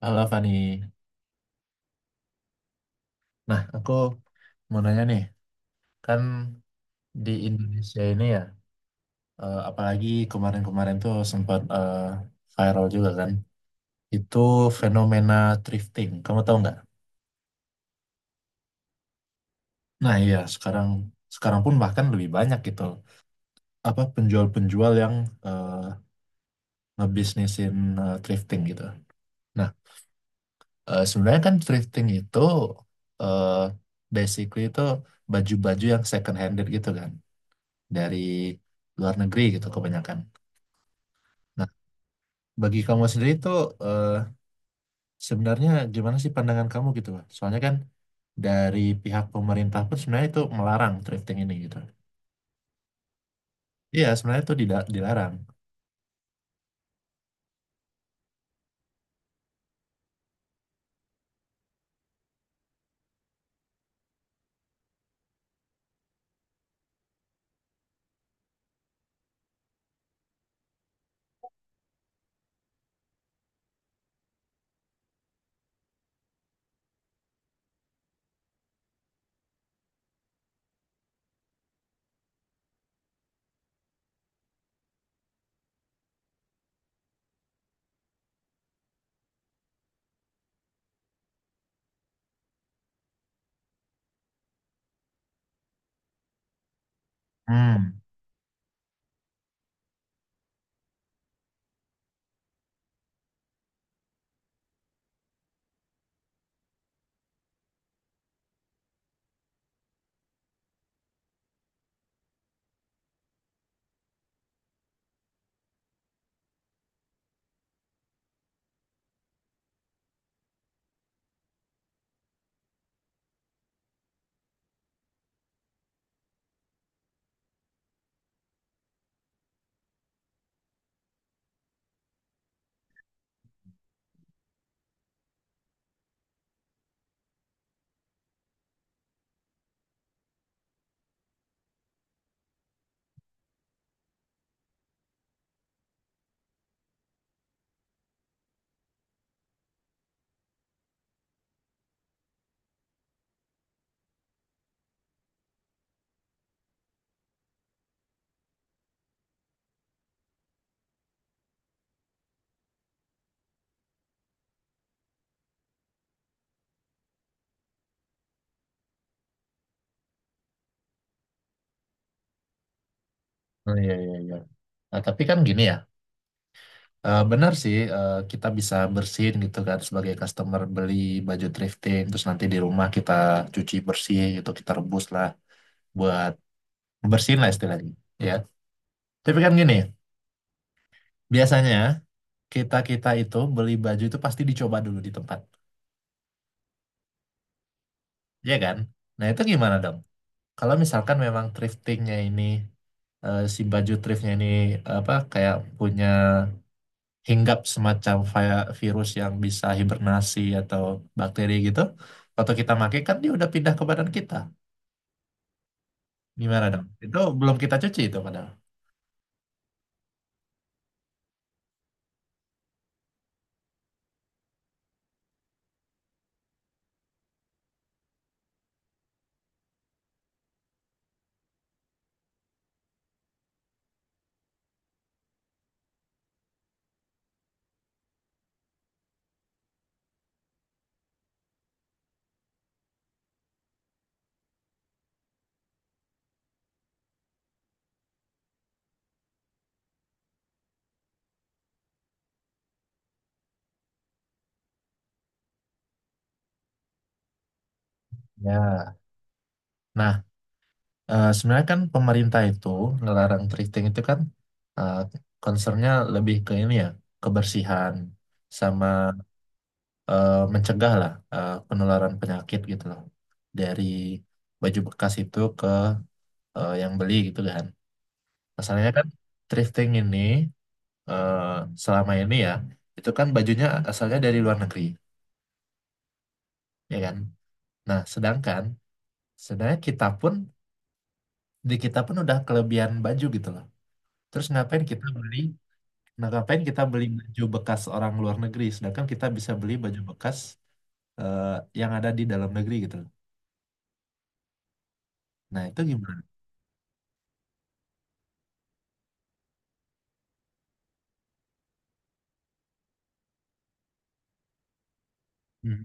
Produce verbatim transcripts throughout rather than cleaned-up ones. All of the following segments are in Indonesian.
Halo Fani. Nah, aku mau nanya nih, kan di Indonesia ini ya, eh, apalagi kemarin-kemarin tuh sempat eh, viral juga kan, itu fenomena thrifting. Kamu tahu nggak? Nah iya, sekarang sekarang pun bahkan lebih banyak gitu, apa penjual-penjual yang eh, ngebisnisin eh, thrifting gitu. Nah, eh, sebenarnya kan thrifting itu eh, basically itu baju-baju yang second handed gitu kan, dari luar negeri gitu kebanyakan. Nah, bagi kamu sendiri itu eh, sebenarnya gimana sih pandangan kamu gitu, Pak? Soalnya kan dari pihak pemerintah pun sebenarnya itu melarang thrifting ini gitu. Iya, sebenarnya itu dida- dilarang. Hmm. Oh, iya, iya, iya. Nah, tapi kan gini ya, eh, benar sih eh, kita bisa bersihin gitu kan sebagai customer beli baju thrifting, terus nanti di rumah kita cuci bersih gitu, kita rebus lah buat bersihin lah istilahnya. Ya. Tapi kan gini, biasanya kita-kita itu beli baju itu pasti dicoba dulu di tempat. Iya kan? Nah itu gimana dong? Kalau misalkan memang thriftingnya ini eh, si baju thriftnya ini apa kayak punya hinggap semacam vi- virus yang bisa hibernasi atau bakteri gitu, waktu kita pakai kan dia udah pindah ke badan kita. Gimana dong? Itu belum kita cuci itu padahal. Ya. Nah, eh, sebenarnya kan pemerintah itu ngelarang thrifting itu kan eh concernnya lebih ke ini ya, kebersihan sama eh, mencegah lah eh, penularan penyakit gitu loh dari baju bekas itu ke eh, yang beli gitu kan. Masalahnya kan thrifting ini eh, selama ini ya itu kan bajunya asalnya dari luar negeri ya kan. Nah sedangkan sebenarnya kita pun di kita pun udah kelebihan baju gitu loh. Terus ngapain kita beli? Nah, ngapain kita beli baju bekas orang luar negeri, sedangkan kita bisa beli baju bekas eh, yang ada di dalam negeri gitu loh. Nah, itu gimana? Hmm.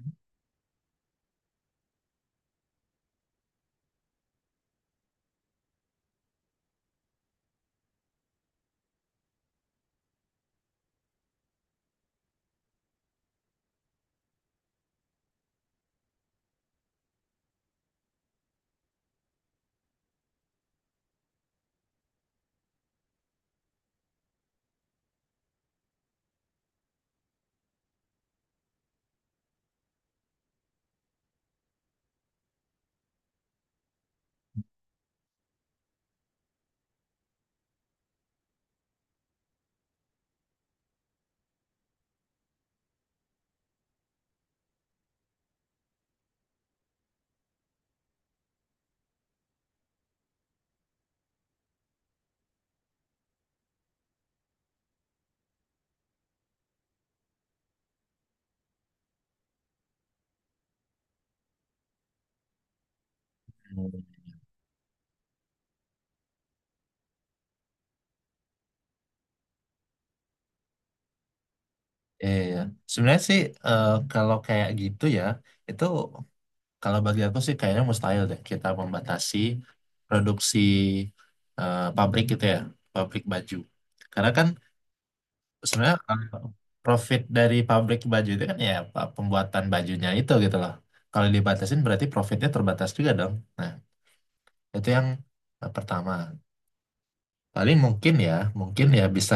Iya, iya. Sebenarnya sih eh, kalau kayak gitu ya, itu kalau bagi aku sih kayaknya mustahil deh kita membatasi produksi eh, pabrik gitu ya, pabrik baju. Karena kan sebenarnya eh, profit dari pabrik baju itu kan ya pa- pembuatan bajunya itu gitu loh. Kalau dibatasin berarti profitnya terbatas juga dong. Nah, itu yang eh, pertama. Paling mungkin ya, mungkin ya bisa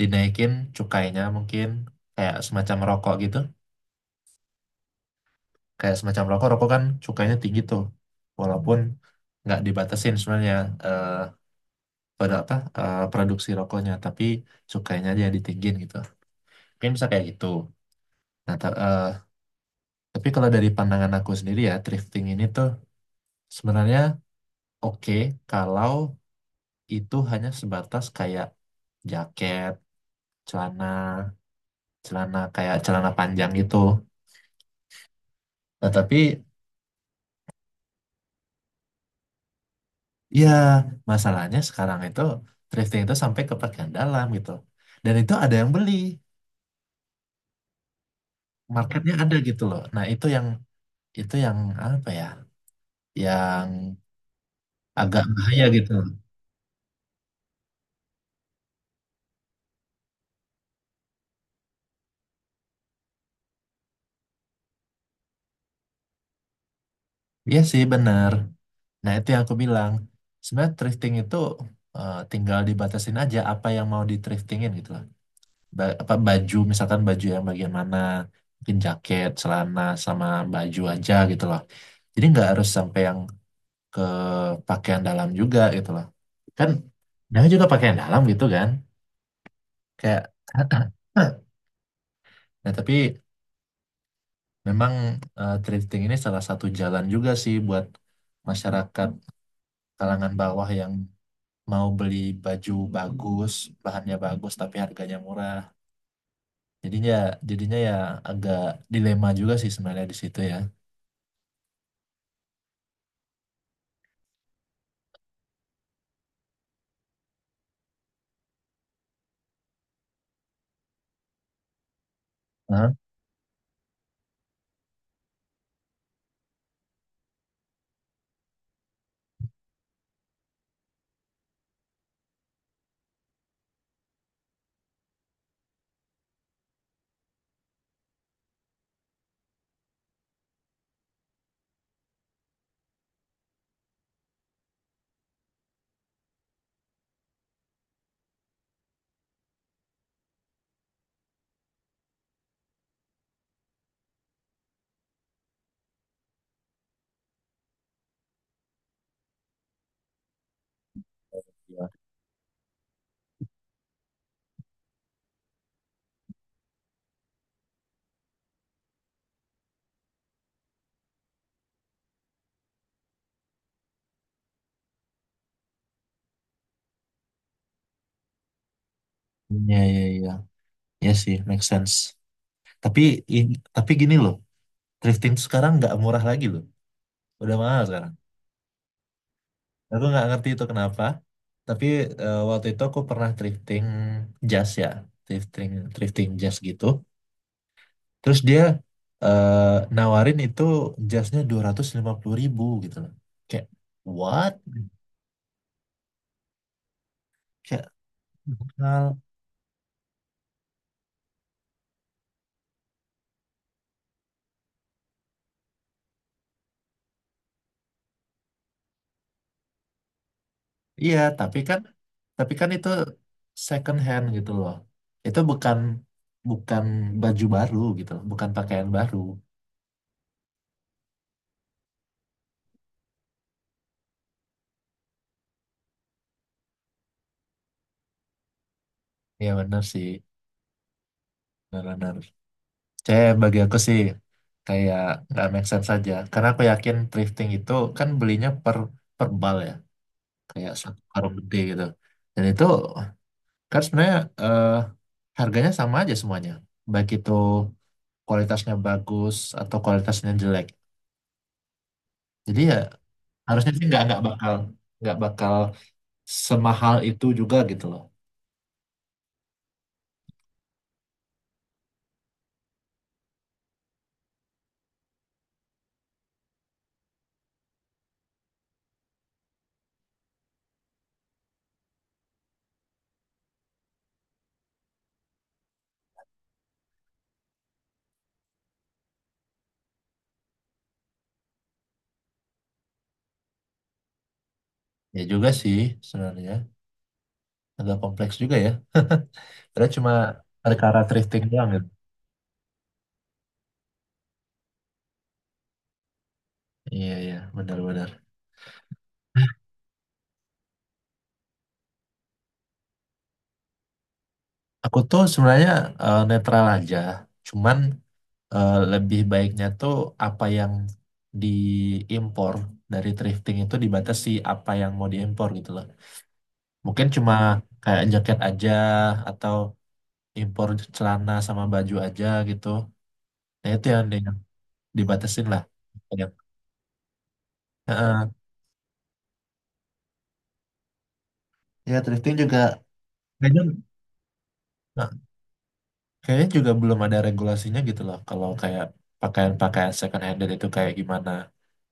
dinaikin cukainya mungkin kayak semacam rokok gitu, kayak semacam rokok rokok kan cukainya tinggi tuh, walaupun nggak dibatasin sebenarnya eh pada apa eh, produksi rokoknya, tapi cukainya aja yang ditinggin gitu, mungkin bisa kayak gitu. Nah ta- eh, tapi kalau dari pandangan aku sendiri ya, thrifting ini tuh sebenarnya oke kalau itu hanya sebatas kayak jaket, celana, celana kayak celana panjang gitu. Nah tapi. Ya, masalahnya sekarang itu thrifting itu sampai ke bagian dalam gitu. Dan itu ada yang beli, marketnya ada gitu loh. Nah, itu yang itu yang apa ya? Yang agak bahaya gitu. Iya sih bener. Nah, itu yang aku bilang. Sebenarnya thrifting itu eh, tinggal dibatasin aja apa yang mau di thriftingin gitu loh. Ba- apa baju, misalkan baju yang bagian mana, mungkin jaket, celana sama baju aja gitu loh. Jadi nggak harus sampai yang ke pakaian dalam juga gitu loh, kan namanya juga pakaian dalam gitu kan, kayak nah tapi memang eh, thrifting ini salah satu jalan juga sih buat masyarakat kalangan bawah yang mau beli baju bagus, bahannya bagus tapi harganya murah, jadinya jadinya ya agak dilema juga sih sebenarnya di situ ya. Hah? Iya, iya, iya. Iya. Iya sih, make sense. Tapi i- tapi gini loh, thrifting tuh sekarang nggak murah lagi loh. Udah mahal sekarang. Aku nggak ngerti itu kenapa, tapi eh, waktu itu aku pernah thrifting jas ya, thrifting thrifting jas gitu. Terus dia eh, nawarin itu jasnya dua ratus lima puluh ribu gitu loh. Kayak what? Kayak mahal. Iya, tapi kan tapi kan itu second hand gitu loh. Itu bukan bukan baju baru gitu loh, bukan pakaian baru. Ya benar sih, benar-benar. C Bagi aku sih kayak nggak make sense saja. Karena aku yakin thrifting itu kan belinya per per bal ya, kayak satu karung gede gitu. Dan itu kan sebenarnya eh, harganya sama aja semuanya, baik itu kualitasnya bagus atau kualitasnya jelek. Jadi ya harusnya sih nggak nggak bakal nggak bakal semahal itu juga gitu loh. Ya juga sih, sebenarnya agak kompleks juga ya. Karena cuma perkara thrifting doang gitu. Iya iya benar-benar. Aku tuh sebenarnya eh, netral aja, cuman eh, lebih baiknya tuh apa yang diimpor dari thrifting itu dibatasi apa yang mau diimpor gitu loh. Mungkin cuma kayak jaket aja, atau impor celana sama baju aja gitu. Nah itu yang, di- yang dibatasin lah. Ya, heeh. Ya, thrifting juga kayaknya, nah, kayaknya juga belum ada regulasinya gitu loh. Kalau kayak pakaian-pakaian second handed itu kayak gimana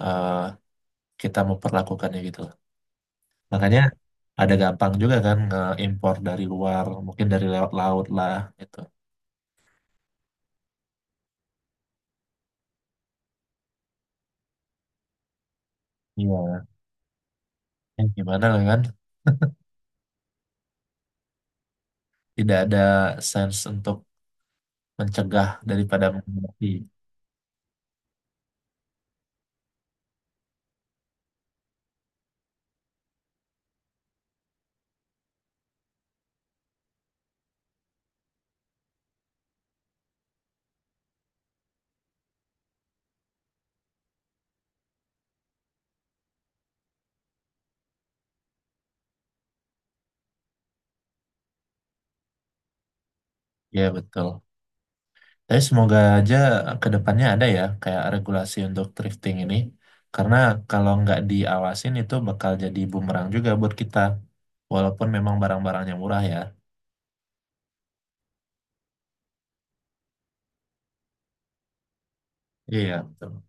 eh, kita memperlakukannya gitu loh. Makanya ada gampang juga kan nge-impor dari luar, mungkin dari lewat laut lah gitu. Iya. Eh, Gimana lah kan? Tidak ada sense untuk mencegah daripada mengobati. Ya betul. Tapi semoga aja ke depannya ada ya kayak regulasi untuk thrifting ini. Karena kalau nggak diawasin itu bakal jadi bumerang juga buat kita. Walaupun memang barang-barangnya murah ya. Iya, betul.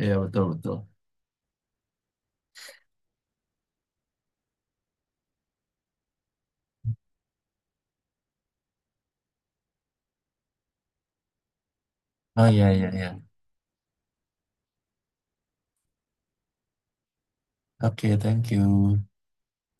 Iya, betul, betul. Oh iya, iya, iya. Oke, thank you.